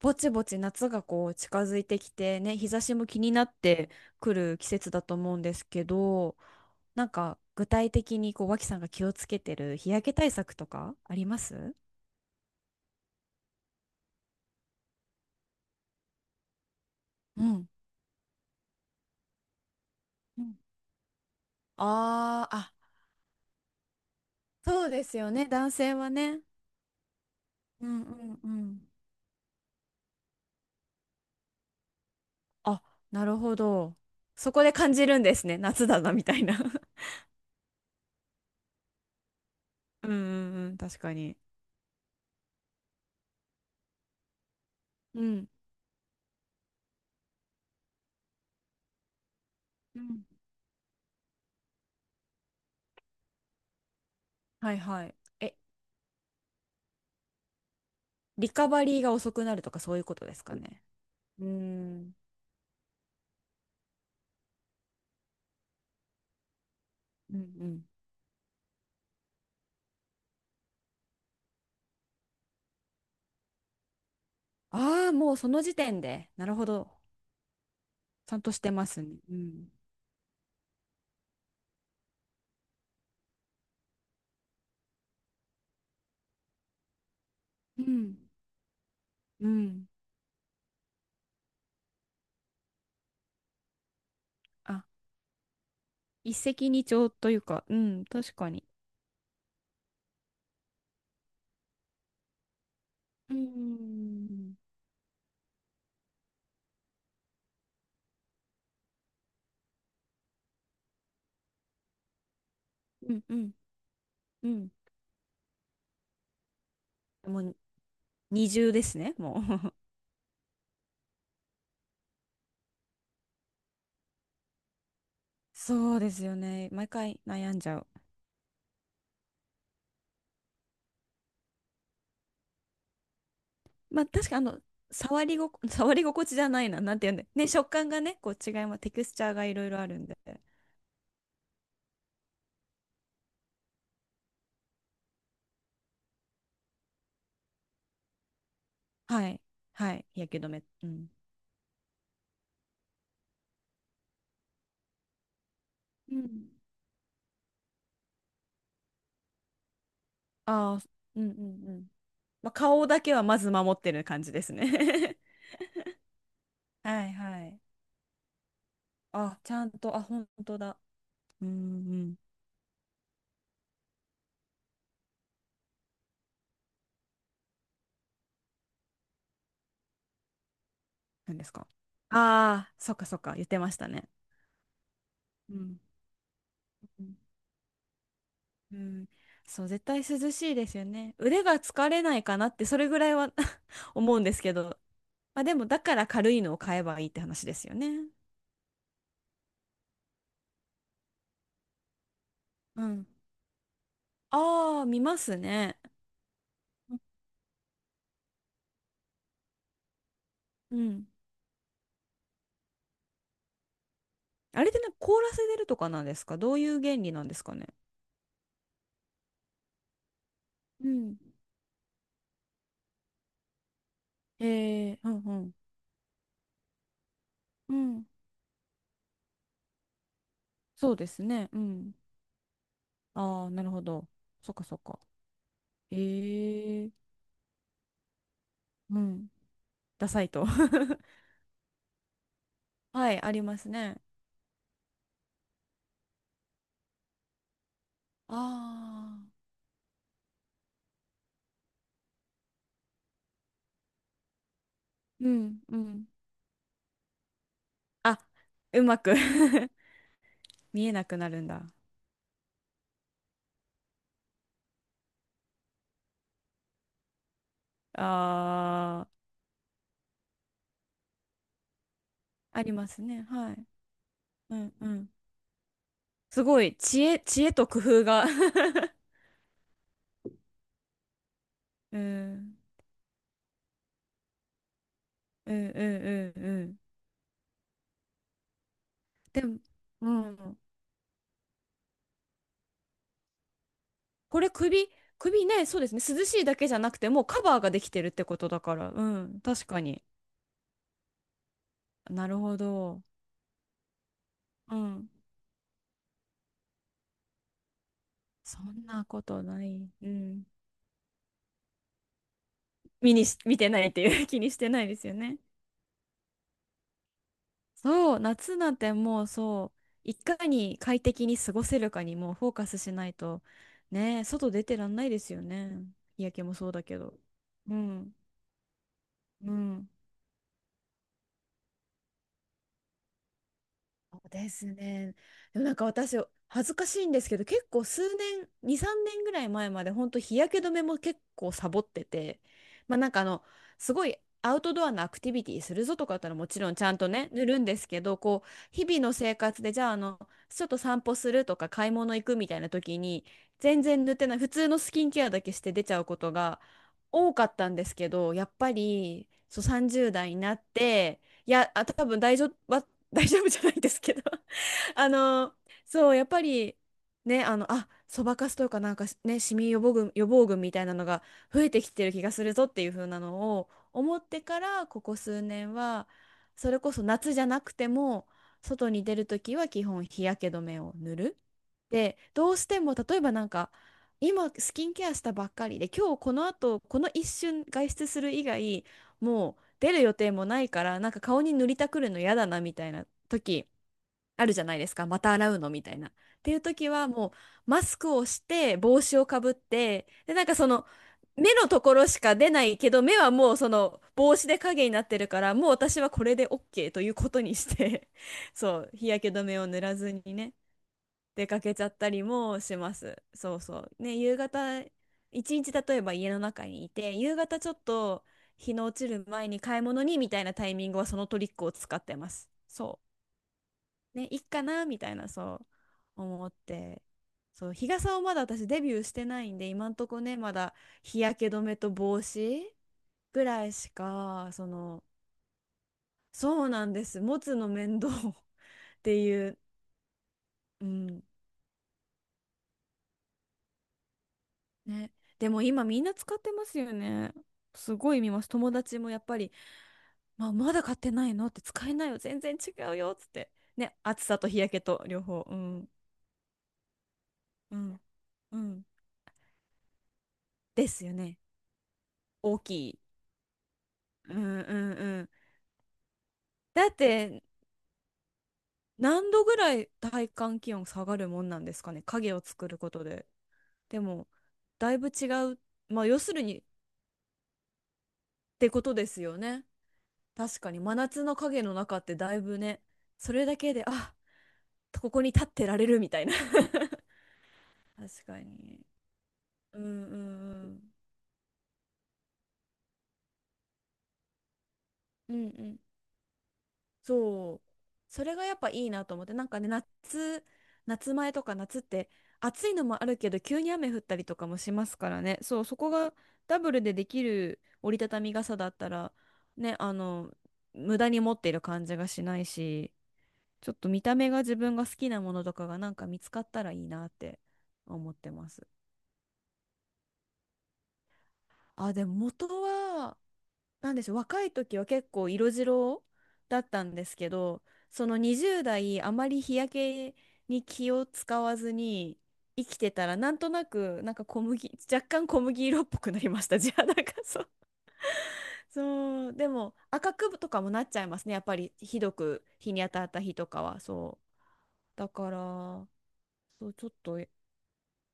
ぼちぼち夏がこう近づいてきてね、日差しも気になってくる季節だと思うんですけど、なんか具体的にこう脇さんが気をつけてる日焼け対策とかあります？うん。うん、あーあ、そうですよね、男性はね。うんうんうん。あ、なるほど。そこで感じるんですね。夏だなみたいな。 うんうんうん、確かに。うん。うん、はいはい。え、リカバリーが遅くなるとかそういうことですかね？うん。うんうん。ああ、もうその時点で。なるほど。ちゃんとしてますね。うん。うん。うん。あ、一石二鳥というか、うん、確かに。うん。うんうん。うん。もう二重ですね、もう。そうですよね。毎回悩んじゃう。まあ確かにあの、触りご、触り心地じゃないな。なんていうんだ。ね、食感がね、こう違います。テクスチャーがいろいろあるんで。はい。はい。日焼け止め。うん。うん。ああ、うんうんうん。まあ、顔だけはまず守ってる感じですね。 はいはい。あ、ちゃんと、あ、本当だ。うんうん。何ですか？ああ、そっかそっか、言ってましたね。うん。うんうん。そう、絶対涼しいですよね。腕が疲れないかなって、それぐらいは 思うんですけど。まあでも、だから軽いのを買えばいいって話ですよね。うん。ああ、見ますね。うん。あれってなんか凍らせてるとかなんですか？どういう原理なんですかね？うん。うんうん。うん、そうですね。うん。ああ、なるほど。そっかそっか。ええ、うん。ダサいと。はい、ありますね。ああ。うん、うん。あ、うまく 見えなくなるんだ。ああ、ありますね。はい。うん、うん。すごい、知恵と工夫が。 うん、うん、うん、うん、うん。でも、うん。これ首、首ね、そうですね。涼しいだけじゃなくて、もうカバーができてるってことだから。うん、確かに。なるほど。うん。そんなことない。うん。見にし、見てないっていう 気にしてないですよね。そう、夏なんてもうそう、いかに快適に過ごせるかにもうフォーカスしないと、ね、外出てらんないですよね。日焼けもそうだけど。うん。うん。そうですね。でもなんか私、恥ずかしいんですけど、結構数年、2、3年ぐらい前まで、本当日焼け止めも結構サボってて、まあなんかあの、すごいアウトドアのアクティビティするぞとかだったらもちろんちゃんとね、塗るんですけど、こう、日々の生活で、じゃああの、ちょっと散歩するとか買い物行くみたいな時に、全然塗ってない、普通のスキンケアだけして出ちゃうことが多かったんですけど、やっぱり、そう30代になって、いや、あ、多分大丈夫。大丈夫じゃないんですけど。 あの、そうやっぱりね、あの、あ、そばかすとかなんかね、シミ予防群予防群みたいなのが増えてきてる気がするぞっていう風なのを思ってから、ここ数年はそれこそ夏じゃなくても外に出るときは基本日焼け止めを塗る。で、どうしても例えばなんか今スキンケアしたばっかりで今日この後この一瞬外出する以外もう出る予定もないからなんか顔に塗りたくるの嫌だなみたいな時あるじゃないですか、また洗うのみたいな。っていう時はもうマスクをして帽子をかぶって、でなんかその目のところしか出ないけど、目はもうその帽子で影になってるから、もう私はこれで OK ということにして そう日焼け止めを塗らずにね、出かけちゃったりもします。そうそう。ね、夕方、一日例えば家の中にいて、夕方ちょっと日の落ちる前に買い物にみたいなタイミングはそのトリックを使ってます。そう。ね、いっかなみたいな、そう思って。そう、日傘をまだ私デビューしてないんで、今んとこね、まだ日焼け止めと帽子ぐらいしか、その、そうなんです。持つの面倒 っていう、うん、ね。でも今みんな使ってますよね。すごい見ます。友達もやっぱり、まあ、まだ買ってないのって使えないよ。全然違うよ。っつって。ね。暑さと日焼けと両方。うん。うん。うん。ですよね。大きい。うんうんうん。だって、何度ぐらい体感気温下がるもんなんですかね？影を作ることで。でも、だいぶ違う。まあ、要するにってことですよね。確かに真夏の影の中ってだいぶね、それだけで、あ、ここに立ってられるみたいな。 確かにうんうんうんうんうんそう、それがやっぱいいなと思って、なんかね、夏前とか夏って暑いのもあるけど急に雨降ったりとかもしますからね、そう、そこがダブルでできる折りたたみ傘だったらね、あの、無駄に持っている感じがしないし、ちょっと見た目が自分が好きなものとかがなんか見つかったらいいなって思ってます。あ、でも元はなんでしょう、若い時は結構色白だったんですけど、その20代、あまり日焼けに気を使わずに生きてたら、なんとなく、なんか小麦、若干小麦色っぽくなりました、じゃあ、なんかそう。そう、でも赤くとかもなっちゃいますね、やっぱりひどく日に当たった日とかは、そう。だから、そう、ちょっと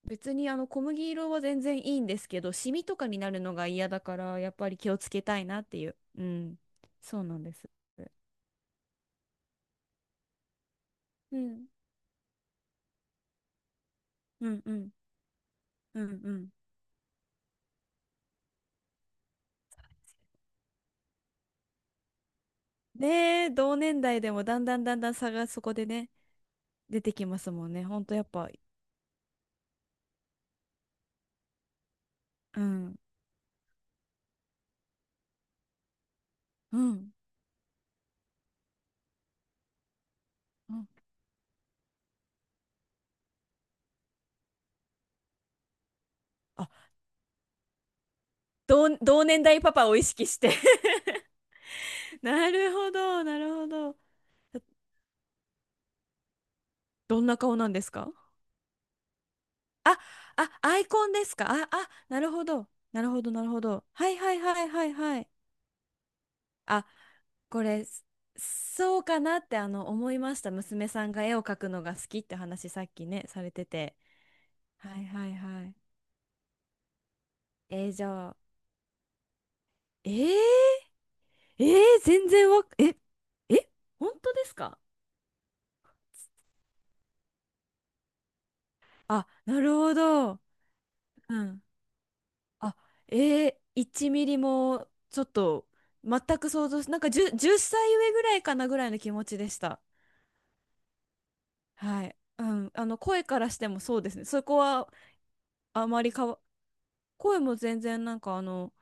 別にあの小麦色は全然いいんですけど、シミとかになるのが嫌だから、やっぱり気をつけたいなっていう。うん。そうなんです。うん。うんうん。うんうん。ねえ、同年代でもだんだんだんだん差がそこでね、出てきますもんね。ほんとやっぱ、うん。うん。うん、あ、同年代パパを意識して なるほど、なるほど。どんな顔なんですか？あ、あ、アイコンですか？あ、あ、なるほど。なるほど、なるほど。はいはいはいはいはい。あ、これ、そうかなってあの思いました。娘さんが絵を描くのが好きって話さっきね、されてて。はいはいはい。じゃあ、えー、えー全然わ、え、え、本当ですか？あ、なるほど。うん。あ、え1ミリもちょっと全く想像し、なんか10、歳上ぐらいかなぐらいの気持ちでした。はい。うん。あの、声からしてもそうですね。そこはあまりかわ、声も全然なんかあの、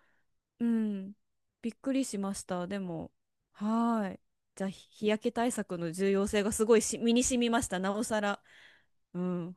うん、びっくりしました。でも、はーい。じゃあ、日焼け対策の重要性がすごいし身に染みました。なおさら。うん。